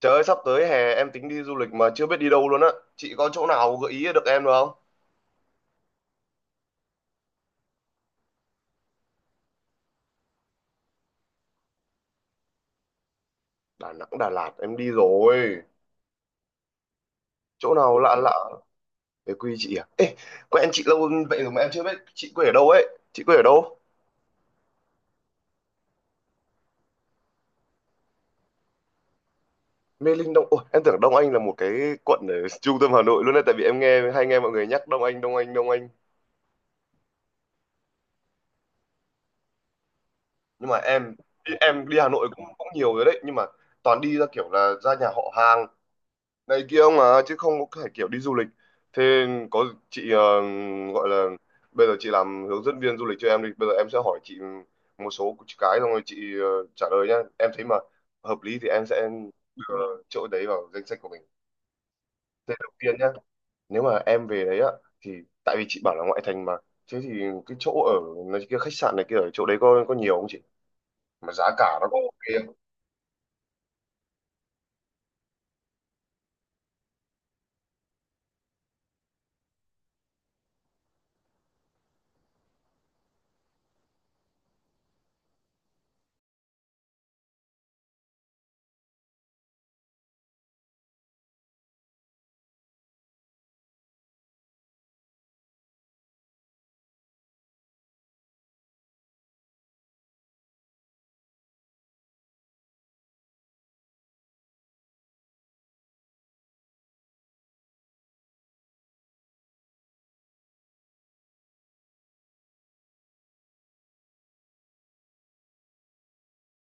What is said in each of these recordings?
Trời ơi, sắp tới hè em tính đi du lịch mà chưa biết đi đâu luôn á. Chị có chỗ nào gợi ý được em được không? Đà Nẵng, Đà Lạt em đi rồi. Chỗ nào lạ lạ. Về quê chị à? Ê, quen chị lâu vậy rồi mà em chưa biết chị quê ở đâu ấy. Chị quê ở đâu? Mê Linh Đông. Ôi, em tưởng Đông Anh là một cái quận ở trung tâm Hà Nội luôn đấy, tại vì em nghe mọi người nhắc Đông Anh, Đông Anh, Đông Anh. Nhưng mà em đi Hà Nội cũng cũng nhiều rồi đấy, nhưng mà toàn đi ra kiểu là ra nhà họ hàng này kia ông à, chứ không có phải kiểu đi du lịch. Thế có chị gọi là bây giờ chị làm hướng dẫn viên du lịch cho em đi, bây giờ em sẽ hỏi chị một số cái, xong rồi chị trả lời nhá, em thấy mà hợp lý thì em sẽ đưa chỗ đấy vào danh sách của mình. Thế đầu tiên nhá, nếu mà em về đấy á thì, tại vì chị bảo là ngoại thành mà, thế thì cái chỗ ở này kia, khách sạn này kia ở chỗ đấy có nhiều không chị, mà giá cả nó có ok không?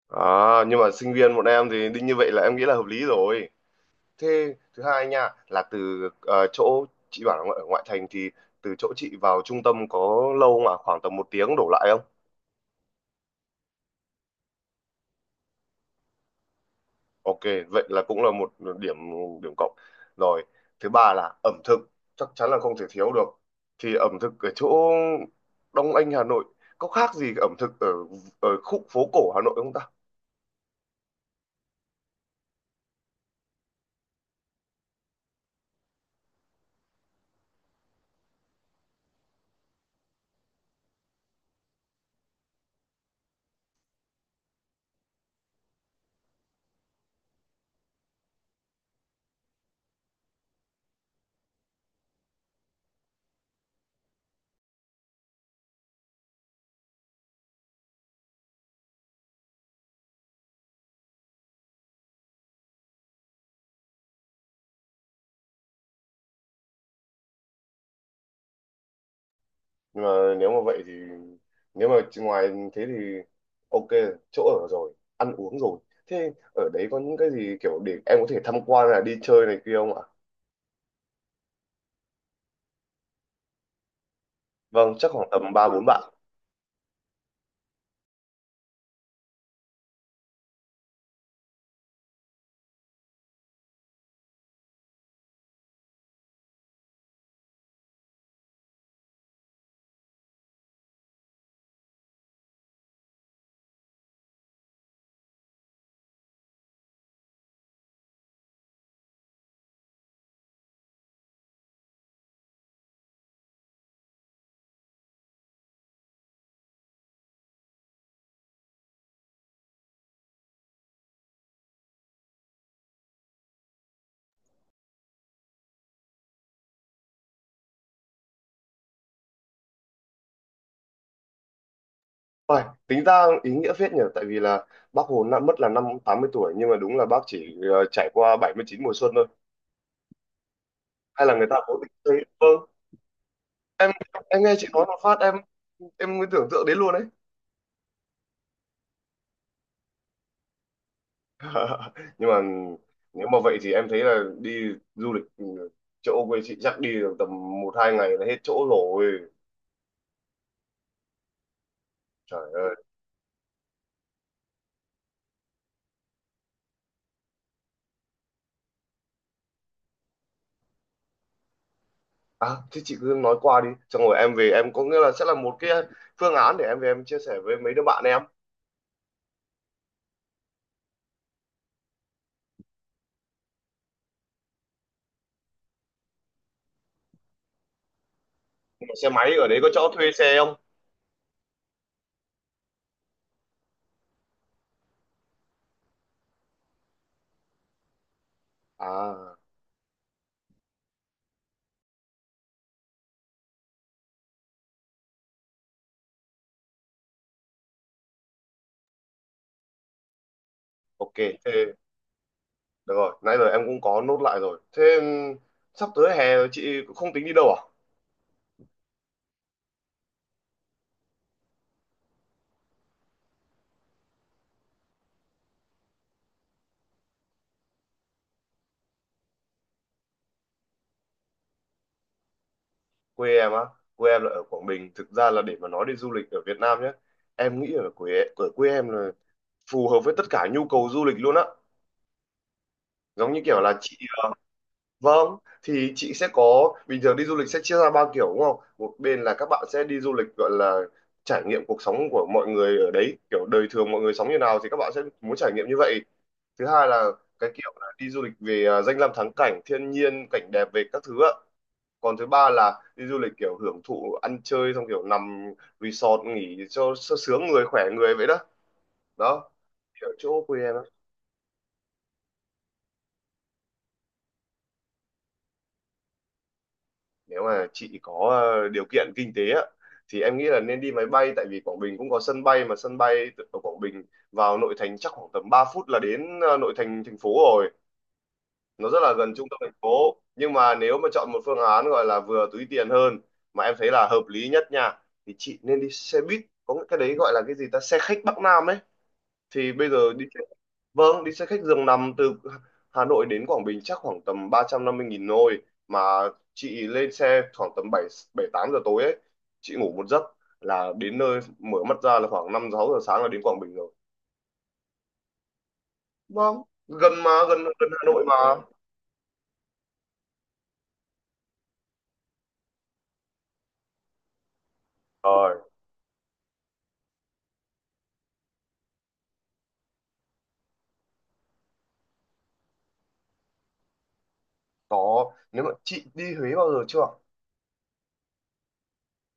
À, nhưng mà sinh viên bọn em thì đương như vậy là em nghĩ là hợp lý rồi. Thế thứ hai nha, là từ, chỗ chị bảo là ở ngoại thành thì, từ chỗ chị vào trung tâm có lâu không? Khoảng tầm 1 tiếng đổ lại không? Ok, vậy là cũng là một điểm điểm cộng. Rồi, thứ ba là ẩm thực, chắc chắn là không thể thiếu được. Thì ẩm thực ở chỗ Đông Anh Hà Nội có khác gì ẩm thực ở ở khu phố cổ Hà Nội không ta? Nhưng mà nếu mà vậy thì, nếu mà chỉ ngoài thế thì ok, chỗ ở rồi, ăn uống rồi, thế ở đấy có những cái gì kiểu để em có thể tham quan là đi chơi này kia không ạ? Vâng, chắc khoảng tầm ba bốn bạn. Uầy, tính ra ý nghĩa phết nhỉ, tại vì là bác Hồ đã mất là năm 80 tuổi nhưng mà đúng là bác chỉ trải qua 79 mùa xuân thôi. Hay là người ta cố tình chơi? Vâng, em em nghe chị nói một phát em mới tưởng tượng đến luôn đấy. Nhưng mà nếu mà vậy thì em thấy là đi du lịch chỗ quê chị chắc đi được tầm 1 2 ngày là hết chỗ rồi. Trời ơi. À thế chị cứ nói qua đi, xong rồi em về em có nghĩa là sẽ là một cái phương án để em về em chia sẻ với mấy đứa bạn em. Xe máy ở đấy có chỗ thuê xe không? À, ok. Thế được rồi, nãy giờ em cũng có nốt lại rồi. Thế sắp tới hè rồi chị cũng không tính đi đâu à? Quê em á, quê em là ở Quảng Bình. Thực ra là để mà nói đi du lịch ở Việt Nam nhé, em nghĩ ở quê em là phù hợp với tất cả nhu cầu du lịch luôn á. Giống như kiểu là chị, vâng, thì chị sẽ có bình thường đi du lịch sẽ chia ra ba kiểu đúng không, một bên là các bạn sẽ đi du lịch gọi là trải nghiệm cuộc sống của mọi người ở đấy, kiểu đời thường mọi người sống như nào thì các bạn sẽ muốn trải nghiệm như vậy. Thứ hai là cái kiểu là đi du lịch về à, danh lam thắng cảnh thiên nhiên cảnh đẹp về các thứ ạ. Còn thứ ba là đi du lịch kiểu hưởng thụ ăn chơi, xong kiểu nằm resort nghỉ cho sướng người khỏe người, vậy đó. đó Kiểu chỗ quê em. Nếu mà chị có điều kiện kinh tế á thì em nghĩ là nên đi máy bay, tại vì Quảng Bình cũng có sân bay, mà sân bay ở Quảng Bình vào nội thành chắc khoảng tầm 3 phút là đến nội thành thành phố rồi. Nó rất là gần trung tâm thành phố, nhưng mà nếu mà chọn một phương án gọi là vừa túi tiền hơn mà em thấy là hợp lý nhất nha, thì chị nên đi xe buýt, có cái đấy gọi là cái gì ta, xe khách Bắc Nam ấy. Thì bây giờ đi, vâng, đi xe khách giường nằm từ Hà Nội đến Quảng Bình chắc khoảng tầm 350.000 thôi. Mà chị lên xe khoảng tầm 7 7 8 giờ tối ấy, chị ngủ một giấc là đến nơi, mở mắt ra là khoảng 5 6 giờ sáng là đến Quảng Bình rồi. Vâng, gần mà, gần gần Hà Nội mà. Rồi, có, nếu mà chị đi Huế bao giờ chưa ạ?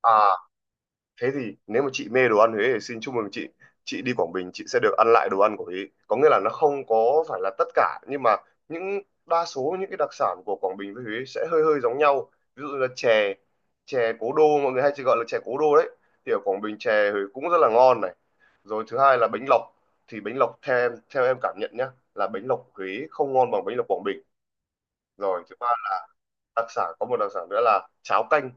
À, thế thì nếu mà chị mê đồ ăn Huế thì xin chúc mừng chị đi Quảng Bình chị sẽ được ăn lại đồ ăn của Huế. Có nghĩa là nó không có phải là tất cả, nhưng mà những đa số những cái đặc sản của Quảng Bình với Huế sẽ hơi hơi giống nhau, ví dụ là chè, chè cố đô mọi người hay chỉ gọi là chè cố đô đấy, thì ở Quảng Bình chè Huế cũng rất là ngon này. Rồi thứ hai là bánh lọc, thì bánh lọc theo em cảm nhận nhá là bánh lọc Huế không ngon bằng bánh lọc Quảng Bình. Rồi đặc sản, có một đặc sản nữa là cháo canh.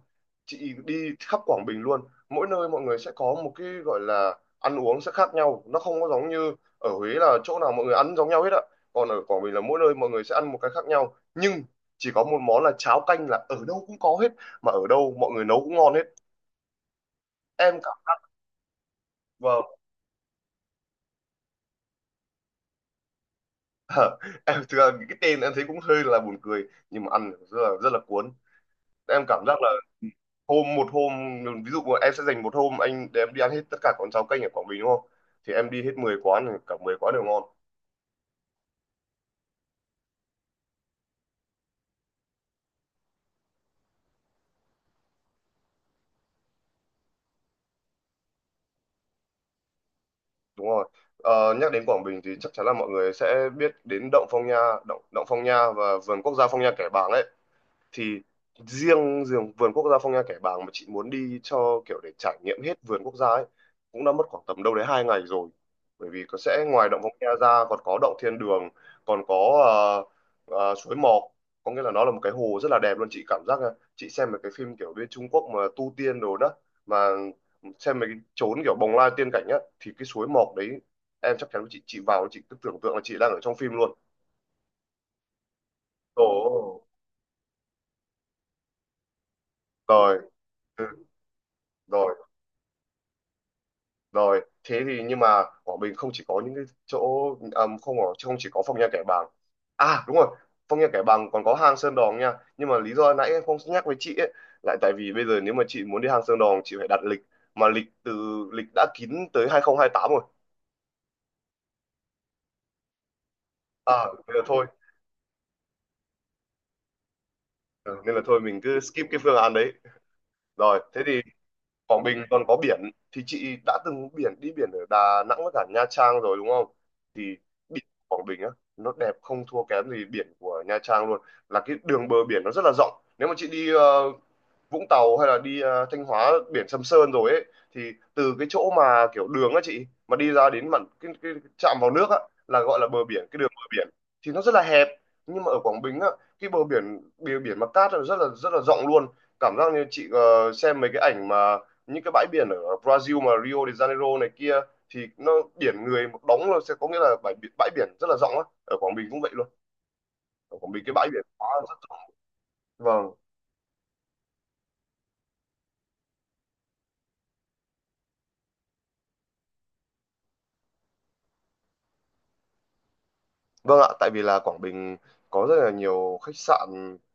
Chị đi khắp Quảng Bình luôn, mỗi nơi mọi người sẽ có một cái gọi là ăn uống sẽ khác nhau, nó không có giống như ở Huế là chỗ nào mọi người ăn giống nhau hết ạ. Còn ở Quảng Bình là mỗi nơi mọi người sẽ ăn một cái khác nhau, nhưng chỉ có một món là cháo canh là ở đâu cũng có hết mà ở đâu mọi người nấu cũng ngon hết. Em cảm Vâng. Em thực ra cái tên em thấy cũng hơi là buồn cười nhưng mà ăn rất là cuốn. Em cảm giác là một hôm, ví dụ em sẽ dành một hôm anh để em đi ăn hết tất cả quán cháo canh ở Quảng Bình đúng không, thì em đi hết 10 quán thì cả 10 quán đều ngon. Đúng rồi. Nhắc đến Quảng Bình thì chắc chắn là mọi người sẽ biết đến động Phong Nha, động động Phong Nha và vườn quốc gia Phong Nha Kẻ Bàng ấy. Thì riêng riêng vườn quốc gia Phong Nha Kẻ Bàng mà chị muốn đi cho kiểu để trải nghiệm hết vườn quốc gia ấy cũng đã mất khoảng tầm đâu đấy 2 ngày rồi. Bởi vì có sẽ ngoài động Phong Nha ra còn có động Thiên Đường, còn có ờ, suối Mọc. Có nghĩa là nó là một cái hồ rất là đẹp luôn, chị cảm giác nha. Chị xem một cái phim kiểu bên Trung Quốc mà tu tiên đồ đó, mà xem mấy cái chốn kiểu bồng lai tiên cảnh á, thì cái suối Mọc đấy em chắc chắn chị vào chị cứ tưởng tượng là chị đang ở trong phim luôn. Ồ. Rồi. Ừ. Rồi. Rồi, thế thì, nhưng mà Quảng Bình không chỉ có những cái chỗ, à, không chỉ có Phong Nha Kẻ Bàng. À đúng rồi, Phong Nha Kẻ Bàng còn có hang Sơn Đòn nha. Nhưng mà lý do nãy em không nhắc với chị ấy lại, tại vì bây giờ nếu mà chị muốn đi hang Sơn Đòn chị phải đặt lịch mà lịch đã kín tới 2028 rồi. À, nên là thôi. Ừ, nên là thôi mình cứ skip cái phương án đấy. Rồi, thế thì Quảng Bình còn có biển. Thì chị đã từng biển đi biển ở Đà Nẵng với cả Nha Trang rồi đúng không? Thì biển Quảng Bình á nó đẹp không thua kém gì biển của Nha Trang luôn. Là cái đường bờ biển nó rất là rộng. Nếu mà chị đi Vũng Tàu hay là đi Thanh Hóa biển Sầm Sơn rồi ấy, thì từ cái chỗ mà kiểu đường á chị mà đi ra đến mặn cái, chạm vào nước á là gọi là bờ biển, cái đường bờ biển thì nó rất là hẹp. Nhưng mà ở Quảng Bình á cái bờ biển mà cát là rất là rất là rộng luôn. Cảm giác như chị xem mấy cái ảnh mà những cái bãi biển ở Brazil mà Rio de Janeiro này kia, thì nó biển người một đống luôn, sẽ có nghĩa là bãi biển rất là rộng á, ở Quảng Bình cũng vậy luôn, ở Quảng Bình cái bãi biển quá rất rộng. Vâng. Vâng ạ, tại vì là Quảng Bình có rất là nhiều khách sạn,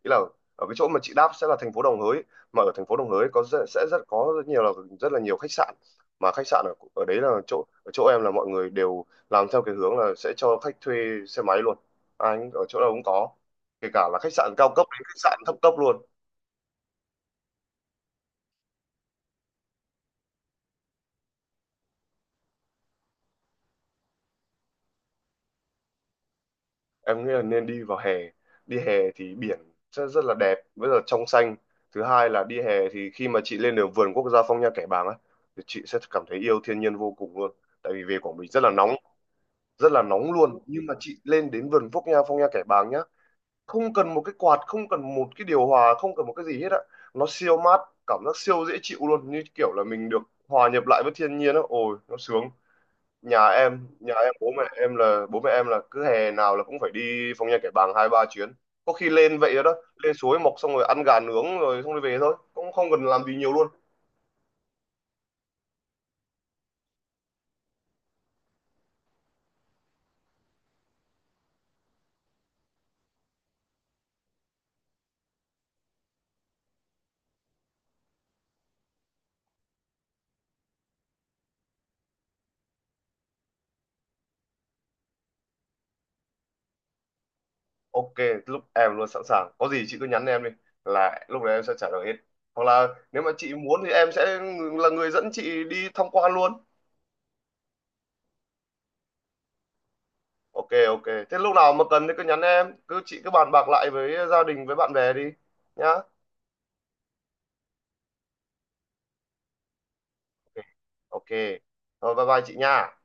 ý là ở cái chỗ mà chị đáp sẽ là thành phố Đồng Hới, mà ở thành phố Đồng Hới có rất nhiều là rất là nhiều khách sạn, mà khách sạn ở ở đấy là chỗ ở chỗ em là mọi người đều làm theo cái hướng là sẽ cho khách thuê xe máy luôn, ở chỗ nào cũng có, kể cả là khách sạn cao cấp đến khách sạn thấp cấp luôn. Em nghĩ là nên đi vào hè. Đi hè thì biển rất, rất là đẹp rất là trong xanh. Thứ hai là đi hè thì khi mà chị lên được vườn quốc gia Phong Nha Kẻ Bàng á thì chị sẽ cảm thấy yêu thiên nhiên vô cùng luôn, tại vì về Quảng Bình rất là nóng, rất là nóng luôn, nhưng mà chị lên đến vườn quốc gia Phong Nha Kẻ Bàng nhá, không cần một cái quạt, không cần một cái điều hòa, không cần một cái gì hết á, nó siêu mát, cảm giác siêu dễ chịu luôn như kiểu là mình được hòa nhập lại với thiên nhiên á, ôi nó sướng. Nhà em Bố mẹ em là cứ hè nào là cũng phải đi Phong Nha Kẻ Bàng hai ba chuyến. Có khi lên vậy đó, lên suối mọc xong rồi ăn gà nướng rồi xong rồi về thôi cũng không cần làm gì nhiều luôn. Ok, lúc em luôn sẵn sàng, có gì chị cứ nhắn em đi là lúc đấy em sẽ trả lời hết, hoặc là nếu mà chị muốn thì em sẽ là người dẫn chị đi tham quan luôn. Ok, ok. Thế lúc nào mà cần thì cứ nhắn em, cứ chị cứ bàn bạc lại với gia đình với bạn bè đi nhá. Ok, ok. Rồi bye bye chị nha.